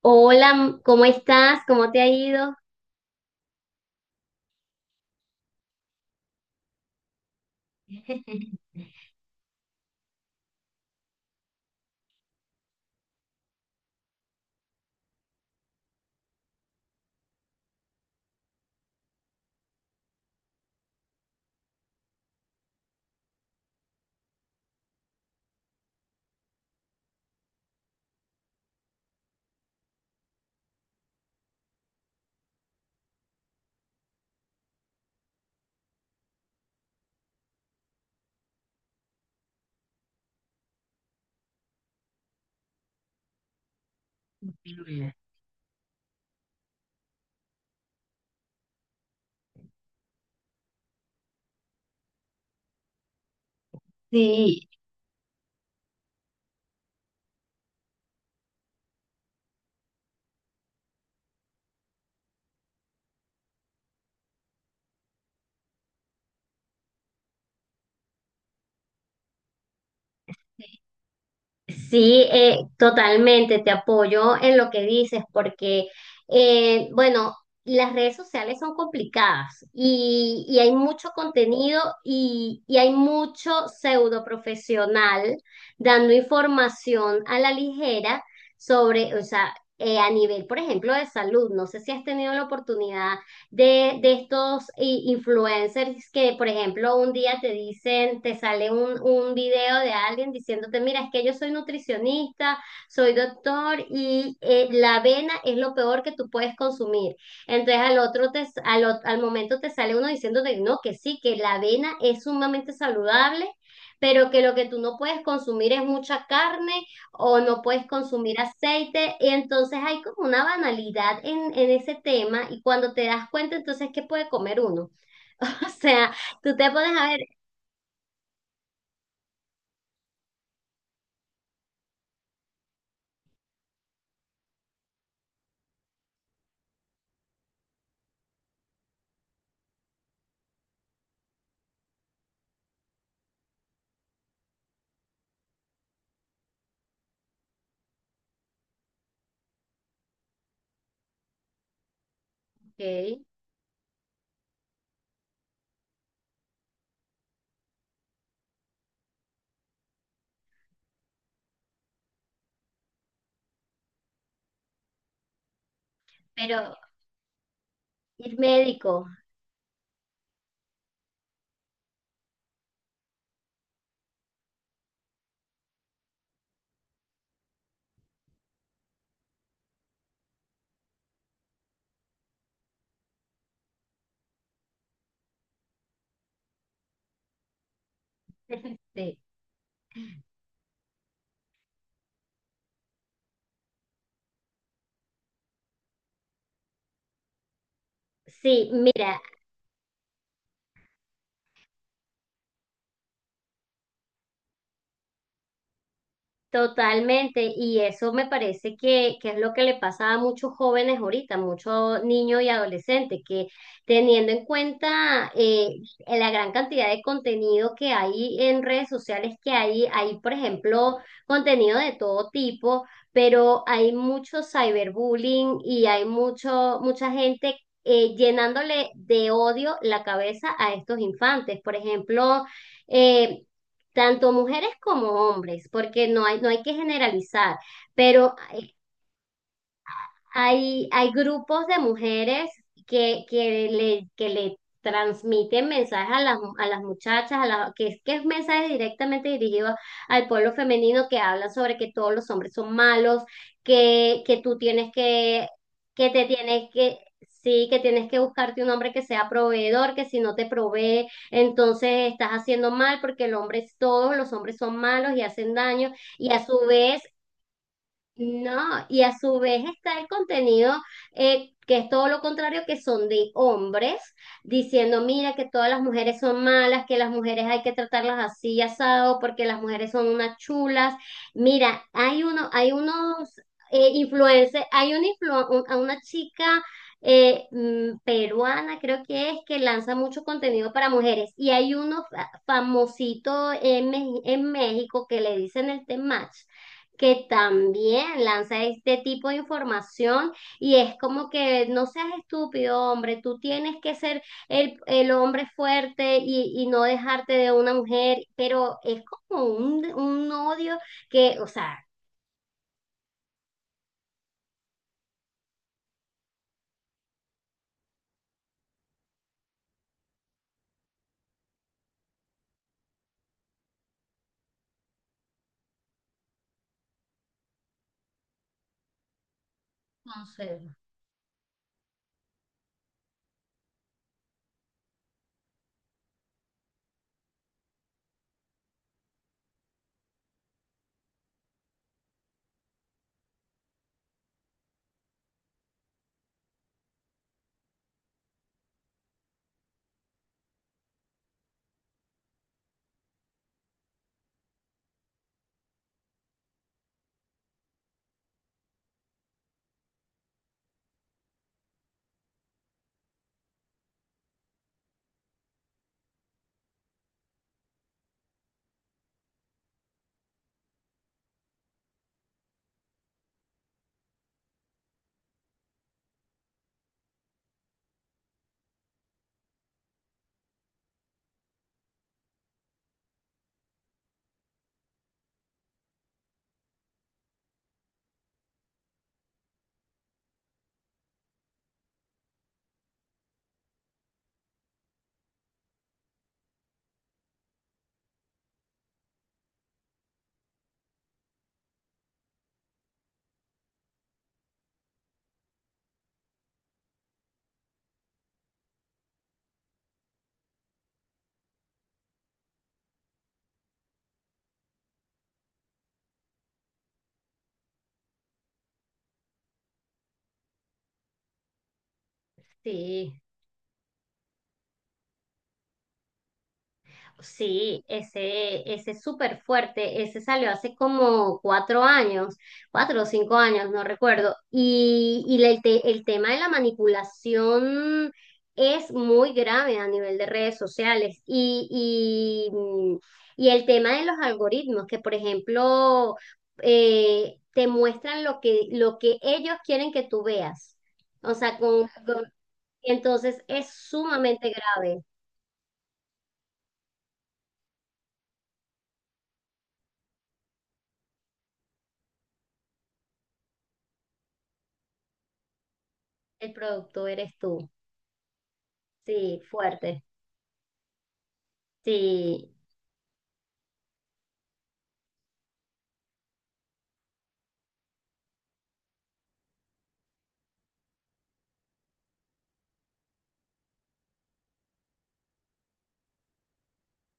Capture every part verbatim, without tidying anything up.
Hola, ¿cómo estás? ¿Cómo te ha ido? Sí. Sí, eh, totalmente, te apoyo en lo que dices, porque eh, bueno, las redes sociales son complicadas y, y hay mucho contenido y, y hay mucho pseudo profesional dando información a la ligera sobre, o sea, eh, a nivel, por ejemplo, de salud. No sé si has tenido la oportunidad de, de estos i- influencers que, por ejemplo, un día te dicen, te sale un, un video de alguien diciéndote, mira, es que yo soy nutricionista, soy doctor y eh, la avena es lo peor que tú puedes consumir. Entonces al otro te, al, o- al momento te sale uno diciéndote, no, que sí, que la avena es sumamente saludable, pero que lo que tú no puedes consumir es mucha carne o no puedes consumir aceite. Y entonces hay como una banalidad en, en ese tema y cuando te das cuenta, entonces, ¿qué puede comer uno? O sea, tú te pones a ver. Ok. Pero ir médico. Sí. Sí, mira. Totalmente, y eso me parece que, que es lo que le pasa a muchos jóvenes ahorita, muchos niños y adolescentes, que teniendo en cuenta eh, la gran cantidad de contenido que hay en redes sociales, que hay, hay, por ejemplo, contenido de todo tipo, pero hay mucho cyberbullying y hay mucho, mucha gente eh, llenándole de odio la cabeza a estos infantes. Por ejemplo, eh, tanto mujeres como hombres, porque no hay, no hay que generalizar, pero eh, hay, hay grupos de mujeres que, que le, que le transmiten mensajes a las, a las muchachas, a las, que, es- que es mensaje directamente dirigido al pueblo femenino que habla sobre que todos los hombres son malos, que, que tú tienes que, que te tienes que, sí, que tienes que buscarte un hombre que sea proveedor, que si no te provee, entonces estás haciendo mal porque el hombre es todo, los hombres son malos y hacen daño. Y a su vez no, y a su vez está el contenido eh, que es todo lo contrario, que son de hombres, diciendo, mira, que todas las mujeres son malas, que las mujeres hay que tratarlas así, asado, porque las mujeres son unas chulas. Mira, hay uno, hay unos eh, influencers, hay una, influ- un- a una chica eh, mm, peruana, creo que es, que lanza mucho contenido para mujeres, y hay uno fa- famosito en, Me- en México que le dicen el Temach, que también lanza este tipo de información y es como que no seas estúpido, hombre, tú tienes que ser el, el hombre fuerte y, y no dejarte de una mujer, pero es como un, un odio que, o sea, no sé, sí. Sí, ese, ese es súper fuerte, ese salió hace como cuatro años, cuatro o cinco años, no recuerdo. Y, y la- el, te- el tema de la manipulación es muy grave a nivel de redes sociales. Y, y, mm, y el tema de los algoritmos, que por ejemplo eh, te muestran lo que, lo que ellos quieren que tú veas. O sea, con, con- entonces es sumamente grave. El producto eres tú. Sí, fuerte. Sí,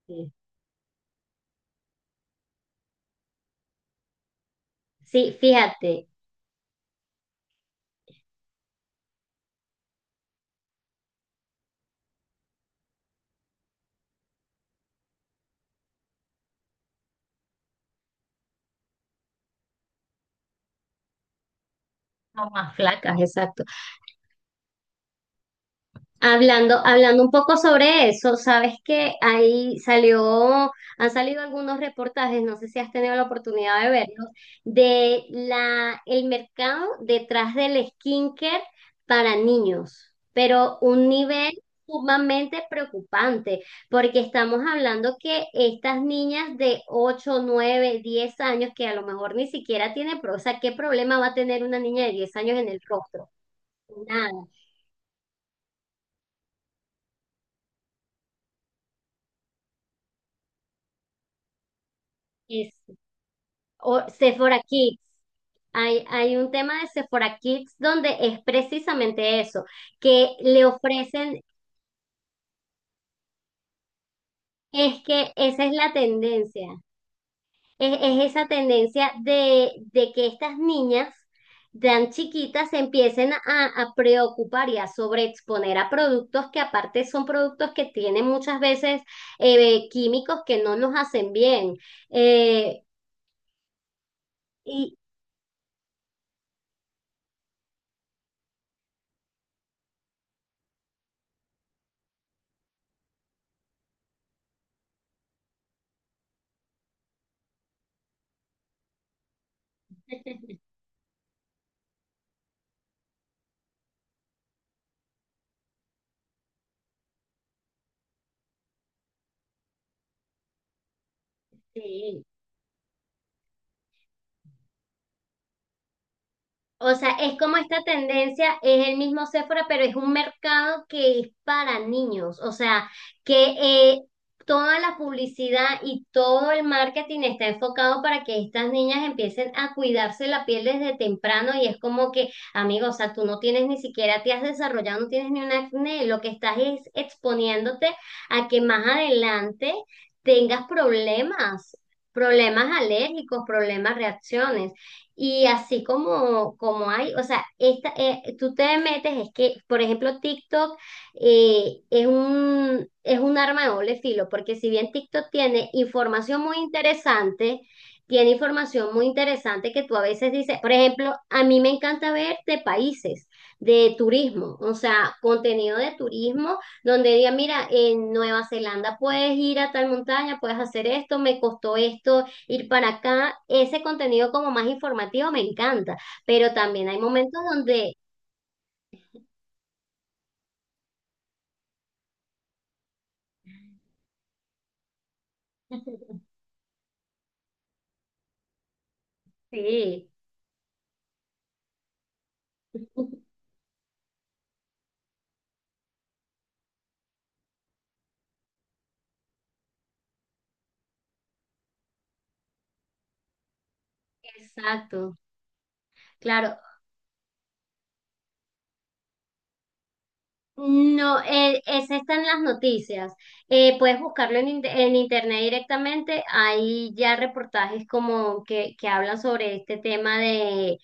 sí, sí, fíjate, no más flacas, exacto. Hablando, hablando un poco sobre eso, sabes que ahí salió, han salido algunos reportajes, no sé si has tenido la oportunidad de verlos, de la, el mercado detrás del skincare para niños, pero un nivel sumamente preocupante, porque estamos hablando que estas niñas de ocho nueve diez años, que a lo mejor ni siquiera tiene, pro- o sea, ¿qué problema va a tener una niña de diez años en el rostro? Nada. O Sephora Kids. Hay, hay un tema de Sephora Kids donde es precisamente eso, que le ofrecen, es que esa es la tendencia, es, es esa tendencia de, de que estas niñas tan chiquitas se empiecen a, a preocupar y a sobreexponer a productos que aparte son productos que tienen muchas veces eh, químicos que no nos hacen bien. Eh, y, sí. O sea, es como esta tendencia, es el mismo Sephora, pero es un mercado que es para niños. O sea, que eh, toda la publicidad y todo el marketing está enfocado para que estas niñas empiecen a cuidarse la piel desde temprano. Y es como que, amigo, o sea, tú no tienes ni siquiera, te has desarrollado, no tienes ni un acné. Lo que estás es exponiéndote a que más adelante tengas problemas, problemas alérgicos, problemas, reacciones. Y así como, como hay, o sea, esta, eh, tú te metes, es que, por ejemplo, TikTok eh, es un, es un arma de doble filo, porque si bien TikTok tiene información muy interesante, tiene información muy interesante que tú a veces dices, por ejemplo, a mí me encanta ver de países, de turismo, o sea, contenido de turismo, donde diga, mira, en Nueva Zelanda puedes ir a tal montaña, puedes hacer esto, me costó esto ir para acá. Ese contenido como más informativo me encanta, pero también hay momentos donde... Sí, exacto. Claro. No, eh, esa está en las noticias. Eh, puedes buscarlo en, inte- en internet directamente. Hay ya reportajes como que, que hablan sobre este tema de...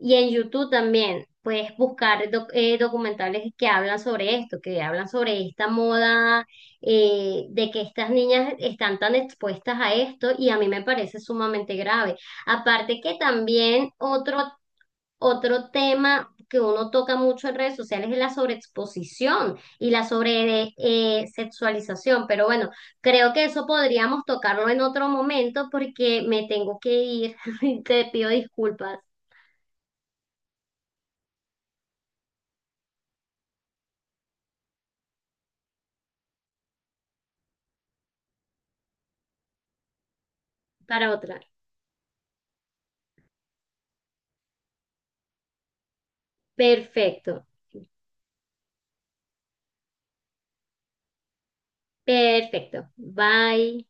Y en YouTube también puedes buscar doc- eh, documentales que hablan sobre esto, que hablan sobre esta moda, eh, de que estas niñas están tan expuestas a esto y a mí me parece sumamente grave. Aparte que también otro otro tema que uno toca mucho en redes sociales es la sobreexposición y la sobre eh, sexualización, pero bueno, creo que eso podríamos tocarlo en otro momento porque me tengo que ir. Y te pido disculpas para otra. Perfecto, perfecto. Bye.